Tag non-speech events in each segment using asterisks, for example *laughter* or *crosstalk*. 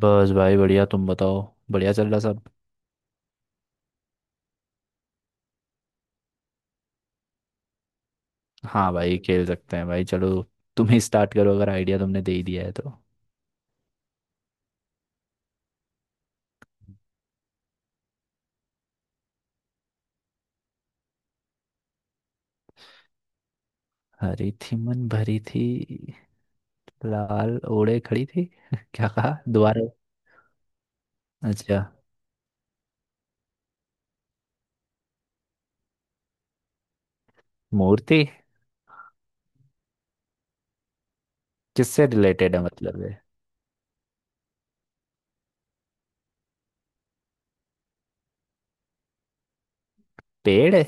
बस भाई बढ़िया। तुम बताओ। बढ़िया चल रहा सब। हाँ भाई, खेल सकते हैं भाई, चलो। तुम ही स्टार्ट करो, अगर आइडिया तुमने दे ही दिया है तो। हरी थी मन भरी थी लाल ओढ़े खड़ी थी *laughs* क्या कहा दोबारा। अच्छा। मूर्ति। किससे रिलेटेड है, मतलब है। पेड़ है?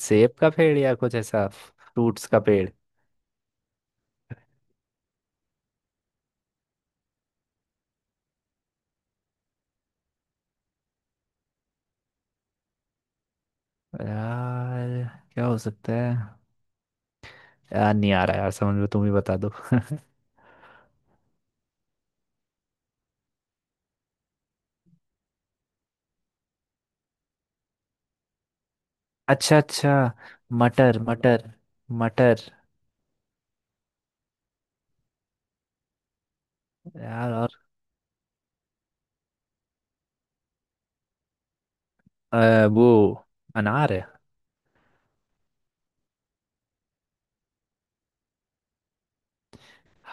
सेब का पेड़ या कुछ ऐसा फ्रूट्स का पेड़। यार क्या हो सकता है। यार नहीं आ रहा यार समझ में, तुम ही बता दो *laughs* अच्छा अच्छा। मटर मटर मटर। यार और। वो अनार है।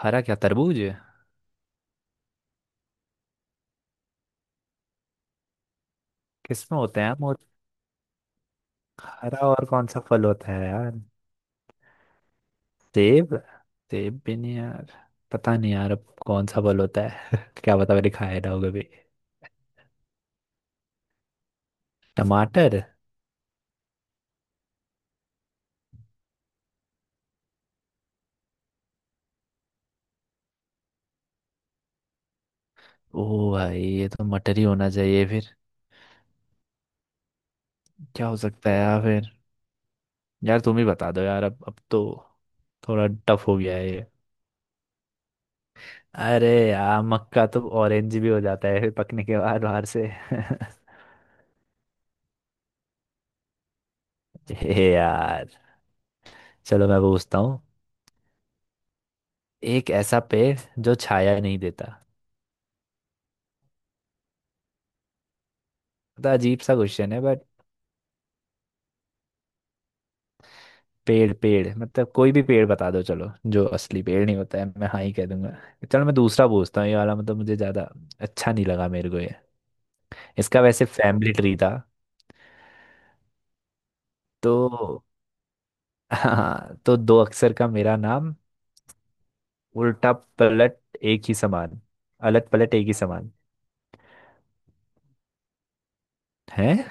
हरा, क्या तरबूज है। किसमें होते हैं यार वो। हरा और कौन सा फल होता है यार। सेब। सेब भी नहीं यार। पता नहीं यार, अब कौन सा फल होता है *laughs* क्या पता मैंने खाया ना हो कभी। टमाटर। ओ भाई, ये तो मटर ही होना चाहिए फिर। क्या हो सकता है यार फिर। यार तुम ही बता दो यार, अब तो थोड़ा टफ हो गया है ये। अरे यार, मक्का तो ऑरेंज भी हो जाता है फिर पकने के बाद बाहर से *laughs* हे यार। चलो मैं पूछता हूँ। एक ऐसा पेड़ जो छाया नहीं देता। मतलब अजीब सा क्वेश्चन है बट। पेड़ पेड़ मतलब कोई भी पेड़ बता दो चलो, जो असली पेड़ नहीं होता है, मैं हाँ ही कह दूंगा। चलो मैं दूसरा पूछता हूँ, ये वाला मतलब मुझे ज्यादा अच्छा नहीं लगा मेरे को ये। इसका वैसे फैमिली ट्री था तो। हाँ तो दो अक्षर का मेरा नाम, उल्टा पलट एक ही समान। अलट पलट एक ही समान है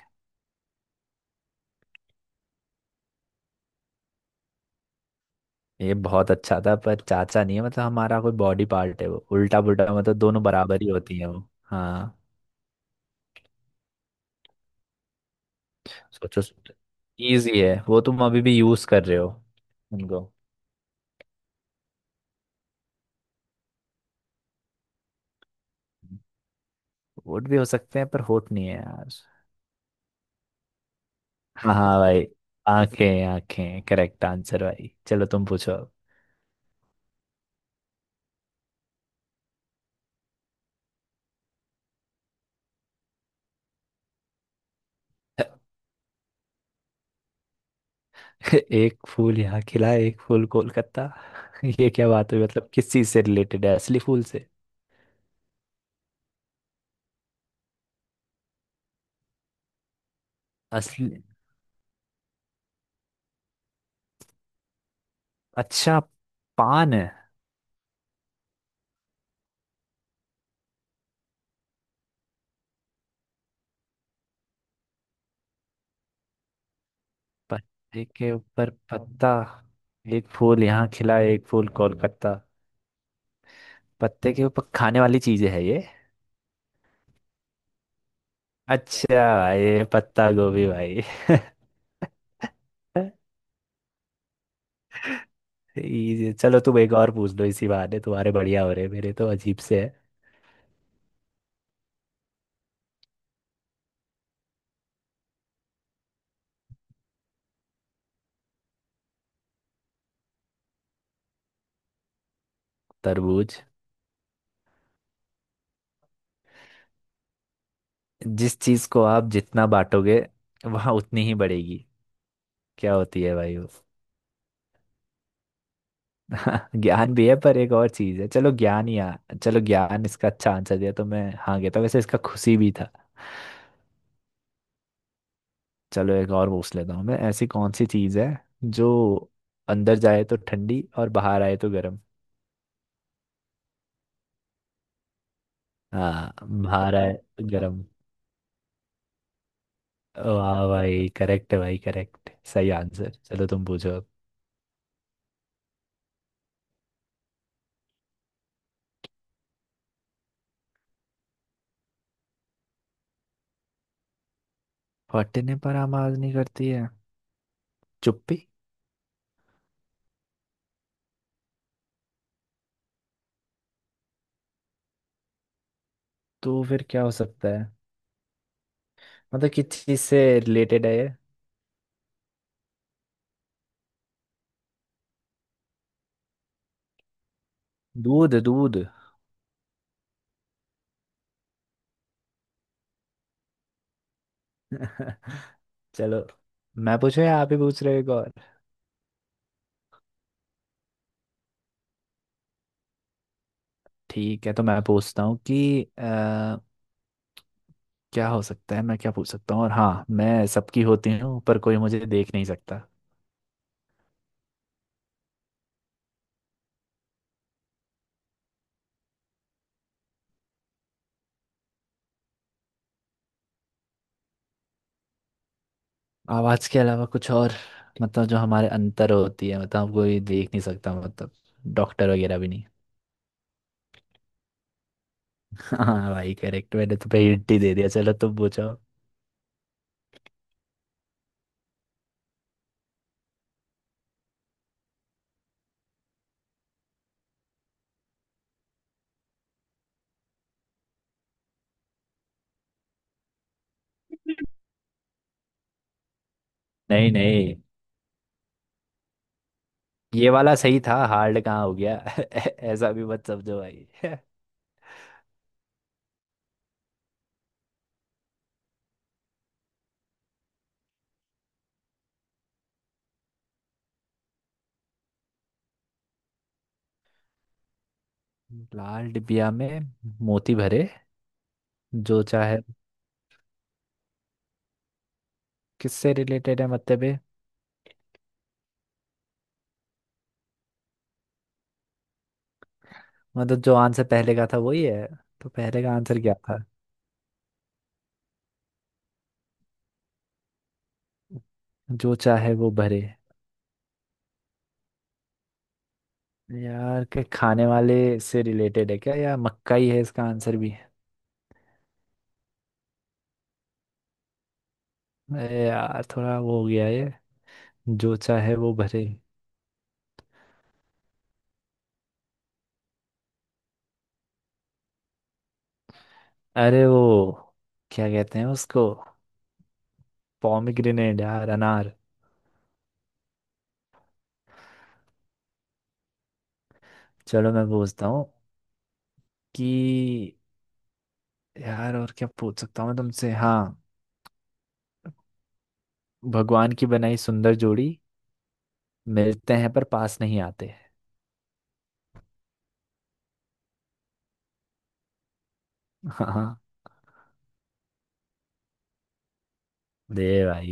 ये। बहुत अच्छा था पर चाचा नहीं है, मतलब हमारा कोई बॉडी पार्ट है वो, उल्टा पुल्टा मतलब दोनों बराबर ही होती है वो। हाँ। सोचो सोचो। इजी है वो, तुम अभी भी यूज कर रहे हो उनको। वोट भी हो सकते हैं पर होट नहीं है यार। हाँ हाँ भाई, आंखें। आंखें करेक्ट आंसर भाई, चलो तुम पूछो अब। *laughs* एक फूल यहाँ खिला एक फूल कोलकाता *laughs* ये क्या बात हुई, मतलब किस चीज से रिलेटेड है, असली फूल से? असली। अच्छा। पान है। पत्ते के ऊपर पत्ता। एक फूल यहाँ खिला एक फूल कोलकाता, पत्ते के ऊपर खाने वाली चीज है ये। अच्छा भाई, पत्ता गोभी भाई *laughs* चलो तुम एक और पूछ लो, इसी बहाने तुम्हारे बढ़िया हो रहे, मेरे तो अजीब से है तरबूज। जिस चीज को आप जितना बांटोगे वहां उतनी ही बढ़ेगी, क्या होती है भाई वो? *laughs* ज्ञान भी है पर एक और चीज है। चलो ज्ञान, इसका अच्छा आंसर दिया, तो मैं हाँ कहता, वैसे इसका खुशी भी था। चलो एक और पूछ लेता हूँ मैं। ऐसी कौन सी चीज है जो अंदर जाए तो ठंडी और बाहर आए तो गर्म। हाँ, बाहर आए तो गर्म। वाह भाई करेक्ट है भाई, करेक्ट सही आंसर। चलो तुम पूछो अब। फटने पर आवाज नहीं करती है। चुप्पी। तो फिर क्या हो सकता है, मतलब किस चीज से रिलेटेड है ये? दूध दूध *laughs* चलो मैं पूछूं या आप ही पूछ रहे हो एक और? ठीक है, तो मैं पूछता हूँ कि क्या हो सकता है, मैं क्या पूछ सकता हूँ, और हाँ, मैं सबकी होती हूँ पर कोई मुझे देख नहीं सकता। आवाज के अलावा कुछ और, मतलब जो हमारे अंतर होती है, मतलब कोई देख नहीं सकता, मतलब डॉक्टर वगैरह भी नहीं। हाँ भाई करेक्ट, मैंने तुम्हें हिंट ही दे दिया, चलो तुम पूछो। नहीं नहीं, ये वाला सही था, हार्ड कहाँ हो गया *laughs* ऐसा भी मत समझो भाई *laughs* लाल डिबिया में मोती भरे, जो चाहे। किससे रिलेटेड है, मतलब ये? मतलब जो आंसर पहले का था वही है? तो पहले का आंसर क्या था? जो चाहे वो भरे। यार के खाने वाले से रिलेटेड है क्या, या मक्का ही है इसका आंसर भी? अरे यार थोड़ा वो हो गया ये, जो चाहे वो भरे। अरे वो, क्या कहते हैं उसको, पॉमिग्रेनेट यार, अनार। चलो मैं पूछता हूँ कि, यार और क्या पूछ सकता हूँ मैं तुमसे। हाँ, भगवान की बनाई सुंदर जोड़ी, मिलते हैं पर पास नहीं आते। हाँ। दे भाई।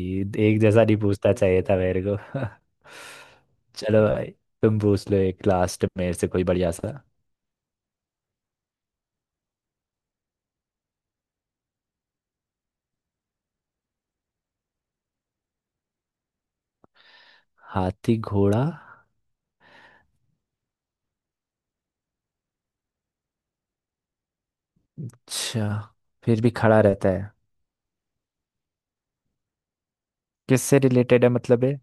एक जैसा नहीं पूछना चाहिए था मेरे को *laughs* चलो भाई, तुम पूछ लो एक लास्ट मेरे से, कोई बढ़िया सा। हाथी घोड़ा। अच्छा, फिर भी खड़ा रहता है। किससे रिलेटेड है, मतलब है।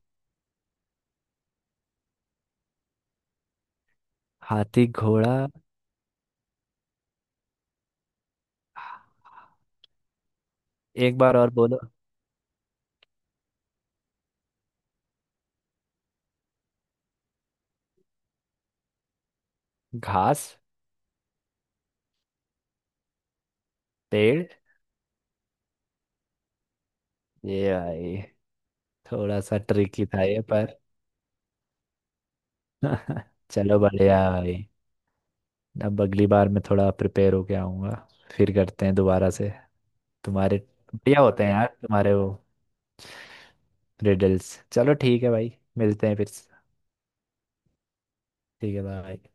हाथी घोड़ा। एक बार और बोलो। घास। पेड़। ये भाई थोड़ा सा ट्रिकी था ये पर *laughs* चलो बढ़िया है भाई। अब अगली बार मैं थोड़ा प्रिपेयर होके आऊंगा, फिर करते हैं दोबारा से। तुम्हारे बढ़िया होते हैं यार तुम्हारे वो रिडल्स। चलो ठीक है भाई, मिलते हैं फिर। ठीक है, बाय।